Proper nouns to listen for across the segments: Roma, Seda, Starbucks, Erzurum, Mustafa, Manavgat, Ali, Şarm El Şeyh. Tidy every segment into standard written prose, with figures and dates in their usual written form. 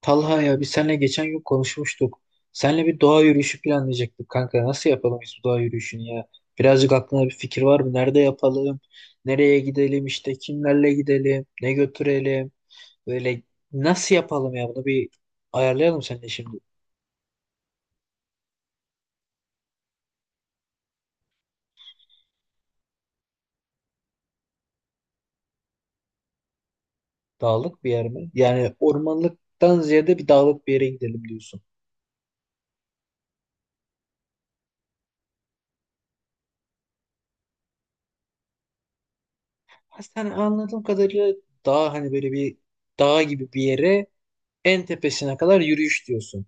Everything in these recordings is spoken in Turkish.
Talha ya biz seninle geçen gün konuşmuştuk. Seninle bir doğa yürüyüşü planlayacaktık kanka. Nasıl yapalım biz bu doğa yürüyüşünü ya? Birazcık aklına bir fikir var mı? Nerede yapalım? Nereye gidelim işte? Kimlerle gidelim? Ne götürelim? Böyle nasıl yapalım ya? Bunu bir ayarlayalım seninle şimdi. Dağlık bir yer mi? Yani ormanlıktan ziyade bir dağlık bir yere gidelim diyorsun. Ha, sen anladığım kadarıyla dağ hani böyle bir dağ gibi bir yere en tepesine kadar yürüyüş diyorsun.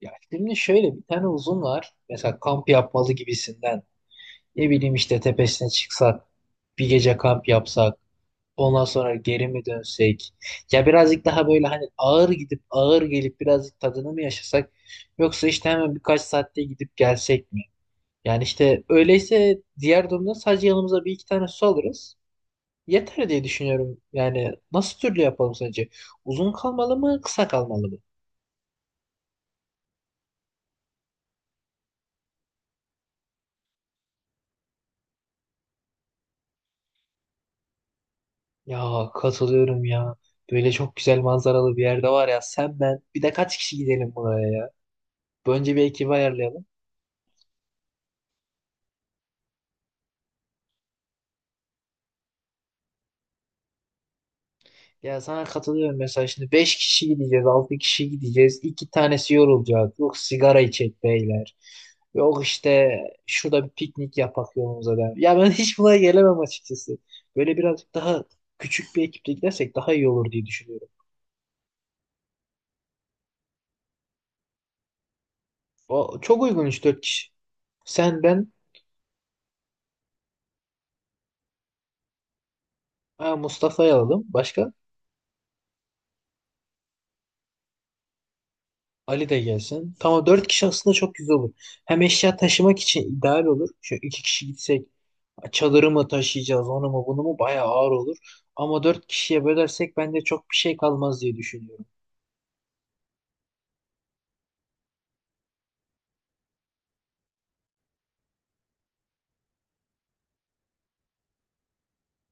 Ya şimdi şöyle bir tane uzun var. Mesela kamp yapmalı gibisinden. Ne bileyim işte tepesine çıksak, bir gece kamp yapsak, ondan sonra geri mi dönsek? Ya birazcık daha böyle hani ağır gidip ağır gelip birazcık tadını mı yaşasak? Yoksa işte hemen birkaç saatte gidip gelsek mi? Yani işte öyleyse diğer durumda sadece yanımıza bir iki tane su alırız. Yeter diye düşünüyorum. Yani nasıl türlü yapalım sence? Uzun kalmalı mı, kısa kalmalı mı? Ya katılıyorum ya. Böyle çok güzel manzaralı bir yerde var ya. Sen ben bir de kaç kişi gidelim buraya ya? Önce bir ekibi ayarlayalım. Ya sana katılıyorum, mesela şimdi 5 kişi gideceğiz, 6 kişi gideceğiz. İki tanesi yorulacak. Yok, sigara içecek beyler. Yok işte şurada bir piknik yapak yolumuza der. Ya ben hiç buna gelemem açıkçası. Böyle birazcık daha küçük bir ekiple gidersek daha iyi olur diye düşünüyorum. O çok uygun, 3 dört kişi. Sen, ben. Ha, Mustafa'yı alalım. Başka? Ali de gelsin. Tamam, dört kişi aslında çok güzel olur. Hem eşya taşımak için ideal olur. Şu iki kişi gitsek çadırı mı taşıyacağız, onu mu, bunu mu, bayağı ağır olur. Ama dört kişiye bölersek bende çok bir şey kalmaz diye düşünüyorum.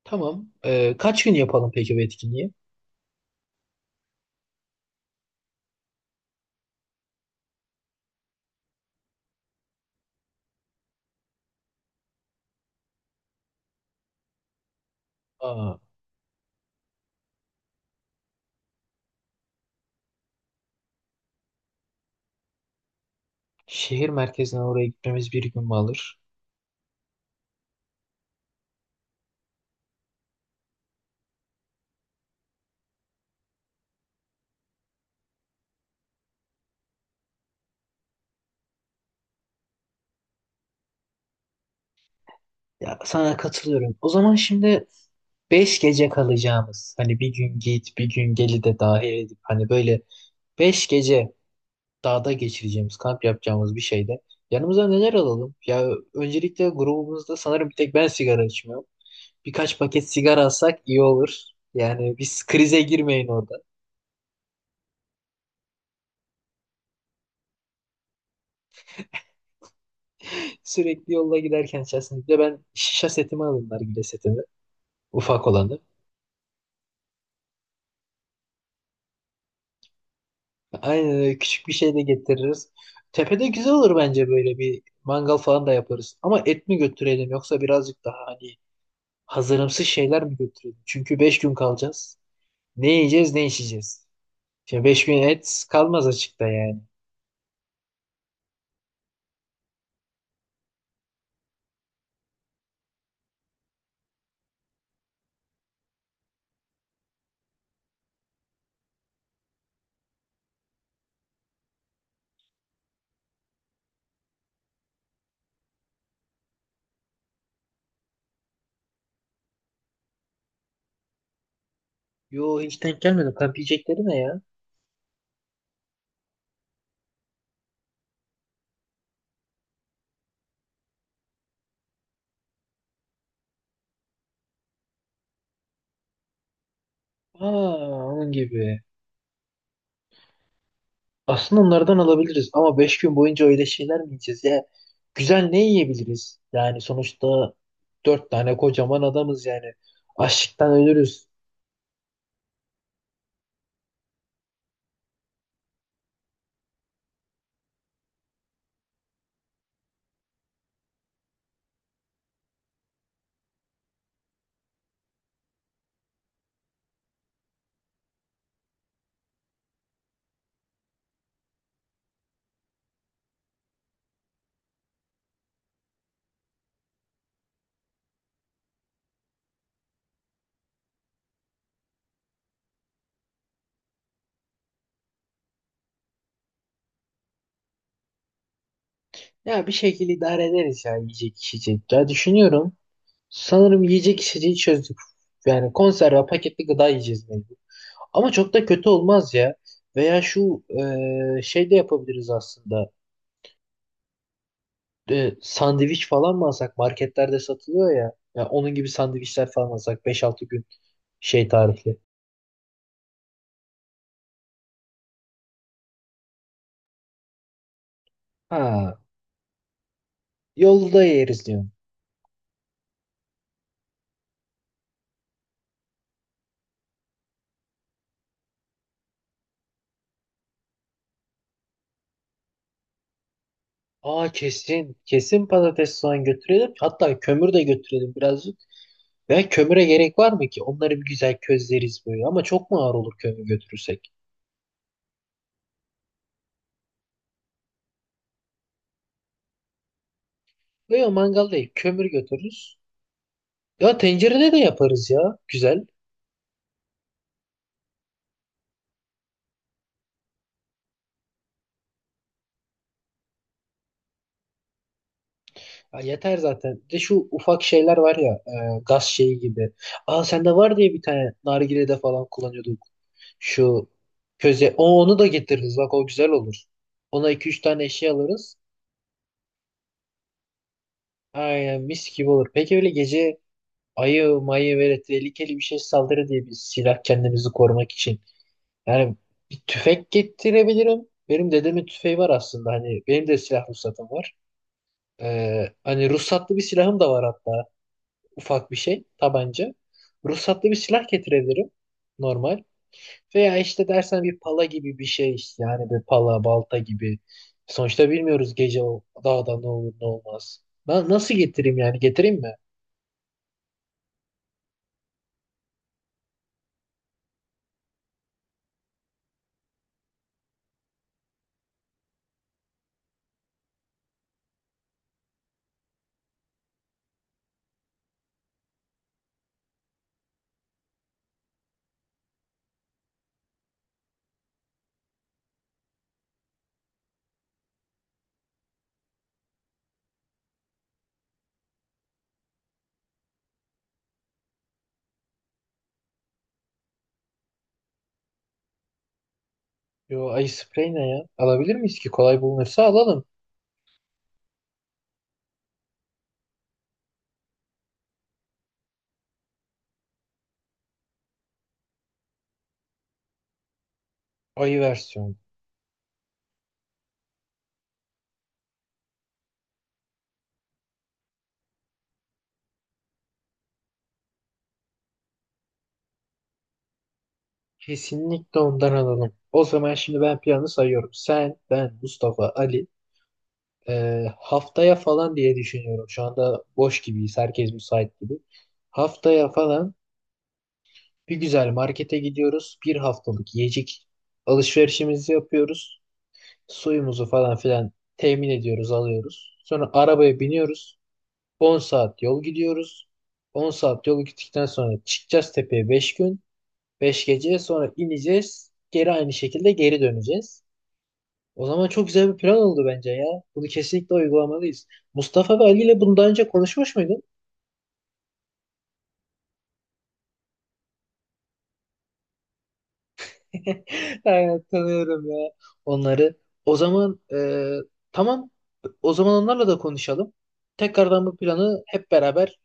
Tamam. Kaç gün yapalım peki bu etkinliği? Aa, şehir merkezine oraya gitmemiz bir gün mü alır? Ya sana katılıyorum. O zaman şimdi beş gece kalacağımız, hani bir gün git bir gün geli de dahil edip hani böyle beş gece dağda geçireceğimiz, kamp yapacağımız bir şeyde yanımıza neler alalım? Ya öncelikle grubumuzda sanırım bir tek ben sigara içmiyorum. Birkaç paket sigara alsak iyi olur. Yani biz krize girmeyin orada. Sürekli yolda giderken içerisinde bir de ben şişe setimi alırım, nargile setimi. Ufak olanı. Aynen öyle, küçük bir şey de getiririz. Tepede güzel olur bence, böyle bir mangal falan da yaparız. Ama et mi götürelim, yoksa birazcık daha hani hazırımsız şeyler mi götürelim? Çünkü 5 gün kalacağız. Ne yiyeceğiz, ne içeceğiz? Ya 5000 et kalmaz açıkta yani. Yo, hiç denk gelmedim. Kamp yiyecekleri ne ya? Aa, onun gibi. Aslında onlardan alabiliriz ama 5 gün boyunca öyle şeyler mi yiyeceğiz ya? Güzel ne yiyebiliriz? Yani sonuçta 4 tane kocaman adamız yani. Açlıktan ölürüz. Ya bir şekilde idare ederiz ya, yiyecek içecek. Ya düşünüyorum. Sanırım yiyecek içeceği çözdük. Yani konserve paketli gıda yiyeceğiz mecbur. Ama çok da kötü olmaz ya. Veya şu şey de yapabiliriz aslında. Sandviç falan mı alsak? Marketlerde satılıyor ya. Ya onun gibi sandviçler falan alsak, beş altı gün şey tarihli. Ha, yolda yeriz diyorum. Aa, kesin. Kesin patates soğan götürelim. Hatta kömür de götürelim birazcık. Ve kömüre gerek var mı ki? Onları bir güzel közleriz böyle. Ama çok mu ağır olur kömür götürürsek? Yok, mangal değil. Kömür götürürüz. Ya tencerede de yaparız ya. Güzel. Ya yeter zaten. Bir de şu ufak şeyler var ya, gaz şeyi gibi. Aa, sende var diye, bir tane nargilede falan kullanıyorduk. Şu köze. Onu da getiririz. Bak, o güzel olur. Ona iki üç tane eşya alırız. Aynen, mis gibi olur. Peki öyle gece ayı mayı böyle tehlikeli bir şey saldırı diye bir silah, kendimizi korumak için. Yani bir tüfek getirebilirim. Benim dedemin tüfeği var aslında. Hani benim de silah ruhsatım var. Hani ruhsatlı bir silahım da var hatta. Ufak bir şey, tabanca. Ruhsatlı bir silah getirebilirim normal. Veya işte dersen bir pala gibi bir şey işte, yani bir pala balta gibi. Sonuçta bilmiyoruz gece o dağda ne olur ne olmaz. Ben nasıl getireyim, yani getireyim mi? Yo, ayı sprey ne ya? Alabilir miyiz ki? Kolay bulunursa alalım. Ayı versiyonu. Kesinlikle ondan alalım. O zaman şimdi ben planı sayıyorum. Sen, ben, Mustafa, Ali, haftaya falan diye düşünüyorum. Şu anda boş gibiyiz. Herkes müsait gibi. Haftaya falan bir güzel markete gidiyoruz. Bir haftalık yiyecek alışverişimizi yapıyoruz. Suyumuzu falan filan temin ediyoruz, alıyoruz. Sonra arabaya biniyoruz. 10 saat yol gidiyoruz. 10 saat yol gittikten sonra çıkacağız tepeye 5 gün. 5 gece sonra ineceğiz. Geri aynı şekilde geri döneceğiz. O zaman çok güzel bir plan oldu bence ya. Bunu kesinlikle uygulamalıyız. Mustafa ve Ali ile bunu daha önce konuşmuş muydun? Evet, tanıyorum ya onları. O zaman tamam. O zaman onlarla da konuşalım. Tekrardan bu planı hep beraber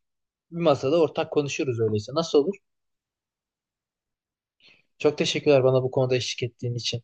bir masada ortak konuşuruz öyleyse. Nasıl olur? Çok teşekkürler bana bu konuda eşlik ettiğin için.